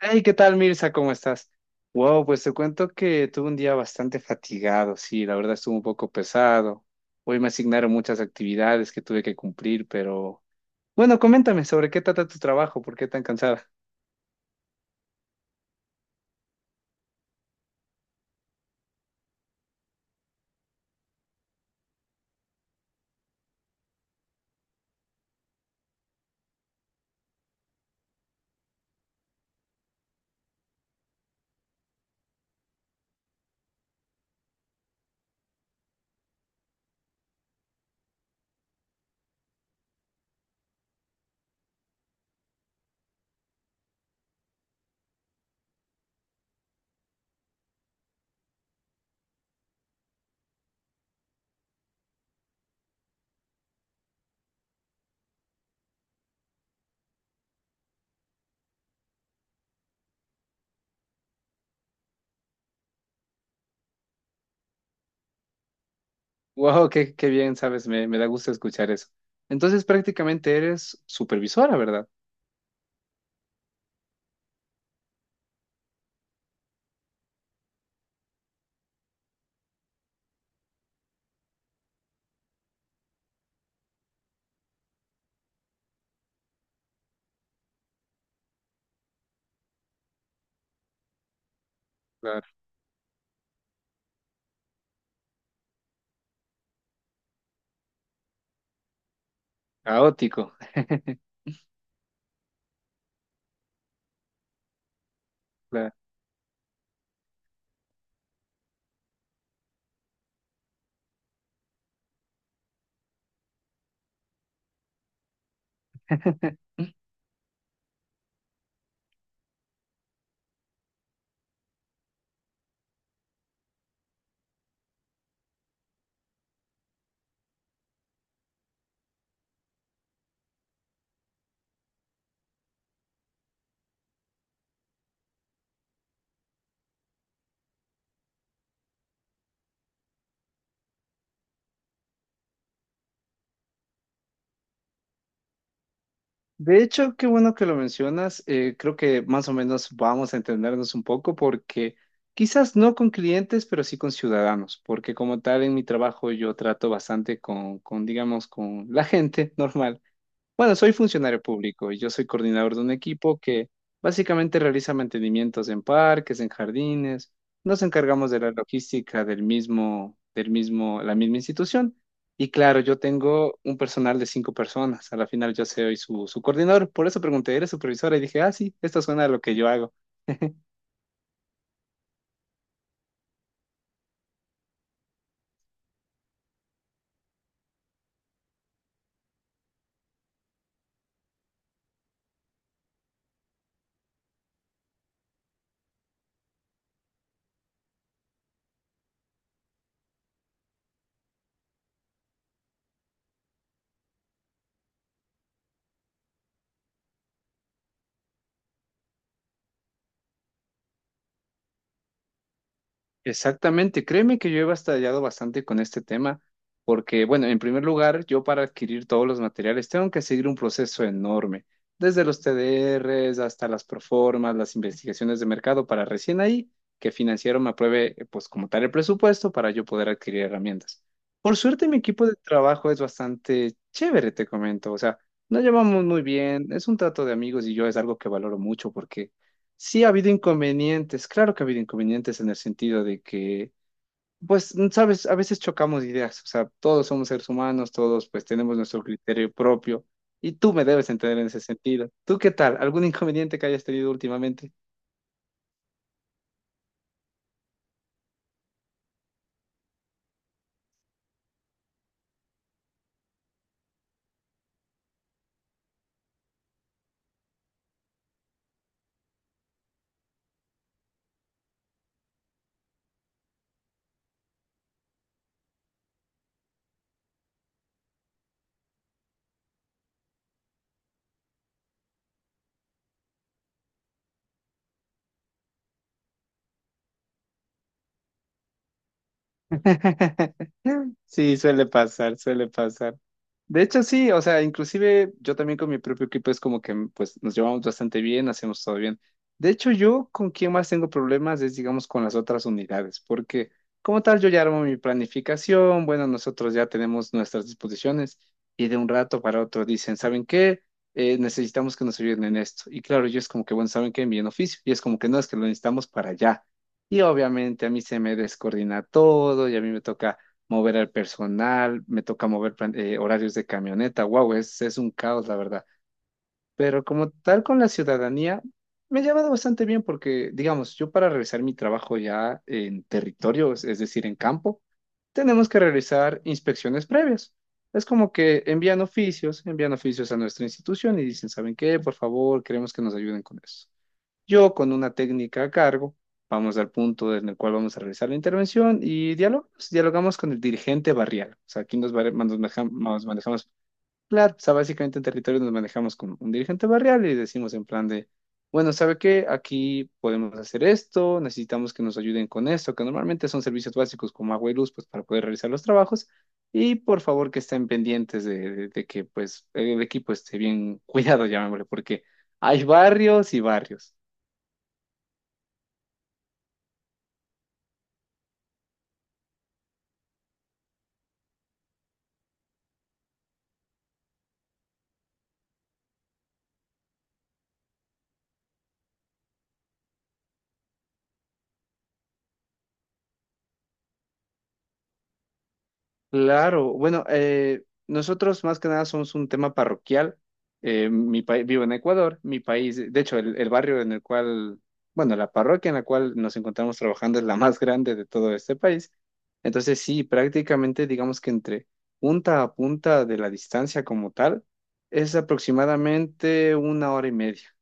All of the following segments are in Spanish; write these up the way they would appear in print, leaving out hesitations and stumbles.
Hey, ¿qué tal, Mirza? ¿Cómo estás? Wow, pues te cuento que tuve un día bastante fatigado, sí, la verdad estuvo un poco pesado. Hoy me asignaron muchas actividades que tuve que cumplir, pero bueno, coméntame sobre qué trata tu trabajo, por qué tan cansada. Wow, qué bien, sabes, me da gusto escuchar eso. Entonces prácticamente eres supervisora, ¿verdad? Claro. Caótico. De hecho, qué bueno que lo mencionas. Creo que más o menos vamos a entendernos un poco porque quizás no con clientes, pero sí con ciudadanos, porque como tal en mi trabajo yo trato bastante con digamos, con la gente normal. Bueno, soy funcionario público y yo soy coordinador de un equipo que básicamente realiza mantenimientos en parques, en jardines. Nos encargamos de la logística del mismo, la misma institución. Y claro, yo tengo un personal de 5 personas. A la final yo soy su, su coordinador. Por eso pregunté, ¿eres supervisora? Y dije, ah, sí, esto suena a lo que yo hago. Exactamente, créeme que yo he batallado bastante con este tema, porque, bueno, en primer lugar, yo para adquirir todos los materiales tengo que seguir un proceso enorme, desde los TDRs hasta las proformas, las investigaciones de mercado, para recién ahí que financiero me apruebe, pues, como tal el presupuesto para yo poder adquirir herramientas. Por suerte, mi equipo de trabajo es bastante chévere, te comento, o sea, nos llevamos muy bien, es un trato de amigos y yo es algo que valoro mucho porque sí ha habido inconvenientes, claro que ha habido inconvenientes en el sentido de que, pues, sabes, a veces chocamos ideas, o sea, todos somos seres humanos, todos pues tenemos nuestro criterio propio y tú me debes entender en ese sentido. ¿Tú qué tal? ¿Algún inconveniente que hayas tenido últimamente? Sí, suele pasar, suele pasar. De hecho, sí, o sea, inclusive yo también con mi propio equipo es como que pues nos llevamos bastante bien, hacemos todo bien. De hecho, yo con quien más tengo problemas es, digamos, con las otras unidades, porque como tal yo ya armo mi planificación, bueno, nosotros ya tenemos nuestras disposiciones y de un rato para otro dicen, ¿saben qué? Necesitamos que nos ayuden en esto. Y claro, yo es como que, bueno, ¿saben qué? Envíen oficio. Y es como que no, es que lo necesitamos para allá. Y obviamente a mí se me descoordina todo y a mí me toca mover al personal, me toca mover horarios de camioneta. Wow, es un caos, la verdad. Pero como tal con la ciudadanía, me he llevado bastante bien porque, digamos, yo para realizar mi trabajo ya en territorio, es decir, en campo, tenemos que realizar inspecciones previas. Es como que envían oficios a nuestra institución y dicen, ¿saben qué? Por favor, queremos que nos ayuden con eso. Yo con una técnica a cargo, vamos al punto en el cual vamos a realizar la intervención y dialogamos, dialogamos con el dirigente barrial. O sea, aquí nos, vare- nos maneja- nos manejamos, claro, o sea, básicamente en territorio nos manejamos con un dirigente barrial y decimos en plan de, bueno, ¿sabe qué? Aquí podemos hacer esto, necesitamos que nos ayuden con esto, que normalmente son servicios básicos como agua y luz, pues para poder realizar los trabajos. Y por favor que estén pendientes de que pues el equipo esté bien cuidado, llamémosle, porque hay barrios y barrios. Claro, bueno, nosotros más que nada somos un tema parroquial. Mi país, vivo en Ecuador, mi país, de hecho, el barrio en el cual, bueno, la parroquia en la cual nos encontramos trabajando es la más grande de todo este país. Entonces, sí, prácticamente digamos que entre punta a punta de la distancia como tal es aproximadamente 1 hora y media.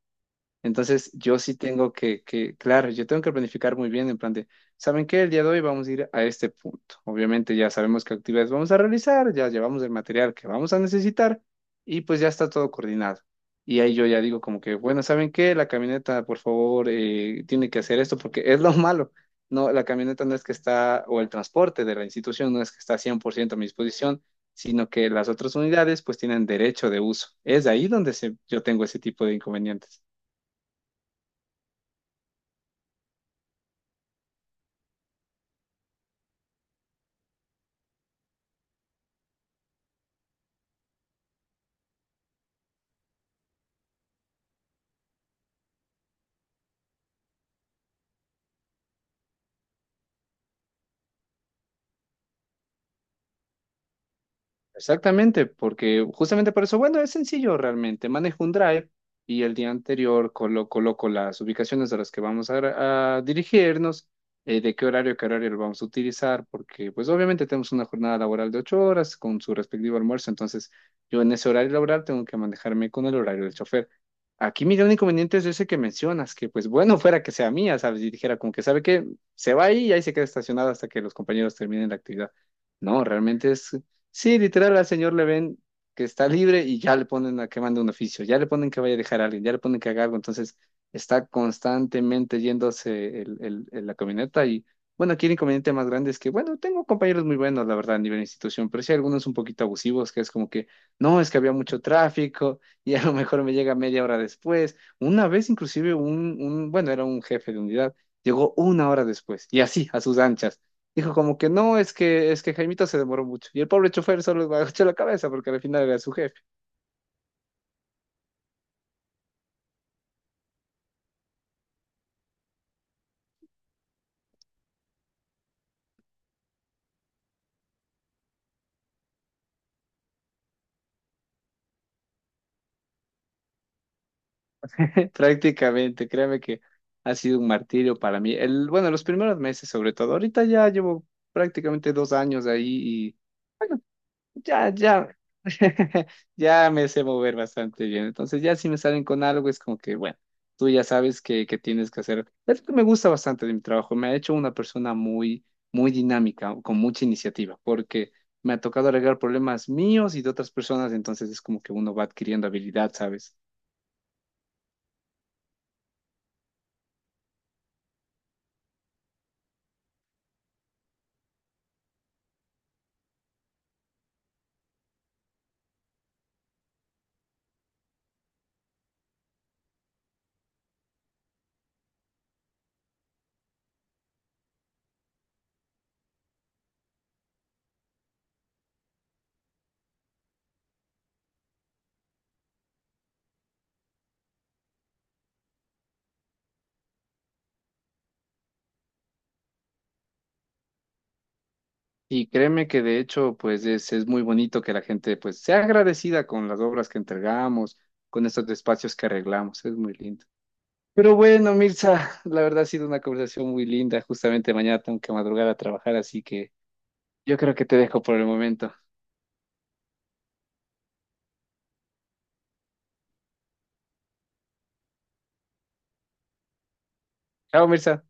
Entonces, yo sí tengo claro, yo tengo que planificar muy bien en plan de, ¿saben qué? El día de hoy vamos a ir a este punto. Obviamente ya sabemos qué actividades vamos a realizar, ya llevamos el material que vamos a necesitar y pues ya está todo coordinado. Y ahí yo ya digo como que, bueno, ¿saben qué? La camioneta, por favor, tiene que hacer esto porque es lo malo. No, la camioneta no es que está, o el transporte de la institución no es que está 100% a mi disposición, sino que las otras unidades pues tienen derecho de uso. Es ahí donde yo tengo ese tipo de inconvenientes. Exactamente, porque justamente por eso, bueno, es sencillo realmente. Manejo un drive y el día anterior coloco las ubicaciones a las que vamos a, a dirigirnos, qué horario lo vamos a utilizar, porque pues obviamente tenemos una jornada laboral de 8 horas con su respectivo almuerzo, entonces yo en ese horario laboral tengo que manejarme con el horario del chofer. Aquí mi gran inconveniente es ese que mencionas, que pues bueno, fuera que sea mía, ¿sabes? Y dijera como que sabe que se va ahí y ahí se queda estacionado hasta que los compañeros terminen la actividad. No, realmente es... Sí, literal, al señor le ven que está libre y ya le ponen a que mande un oficio, ya le ponen que vaya a dejar a alguien, ya le ponen que haga algo, entonces está constantemente yéndose la camioneta y bueno, aquí el inconveniente más grande es que, bueno, tengo compañeros muy buenos, la verdad, a nivel de institución, pero sí hay algunos un poquito abusivos, que es como que, no, es que había mucho tráfico y a lo mejor me llega 1/2 hora después. Una vez inclusive un bueno, era un jefe de unidad, llegó 1 hora después y así, a sus anchas. Dijo como que no, es que Jaimito se demoró mucho. Y el pobre chofer solo agachó la cabeza porque al final era su jefe. Prácticamente, créame que ha sido un martirio para mí. El, bueno, los primeros meses sobre todo. Ahorita ya llevo prácticamente 2 años ahí y bueno, ya, ya, ya me sé mover bastante bien. Entonces, ya si me salen con algo, es como que, bueno, tú ya sabes que tienes que hacer. Es lo que me gusta bastante de mi trabajo. Me ha hecho una persona muy, muy dinámica, con mucha iniciativa, porque me ha tocado arreglar problemas míos y de otras personas. Entonces, es como que uno va adquiriendo habilidad, ¿sabes? Y créeme que de hecho, pues es muy bonito que la gente, pues, sea agradecida con las obras que entregamos, con estos espacios que arreglamos. Es muy lindo. Pero bueno, Mirza, la verdad ha sido una conversación muy linda. Justamente mañana tengo que madrugar a trabajar, así que yo creo que te dejo por el momento. Chao, Mirza.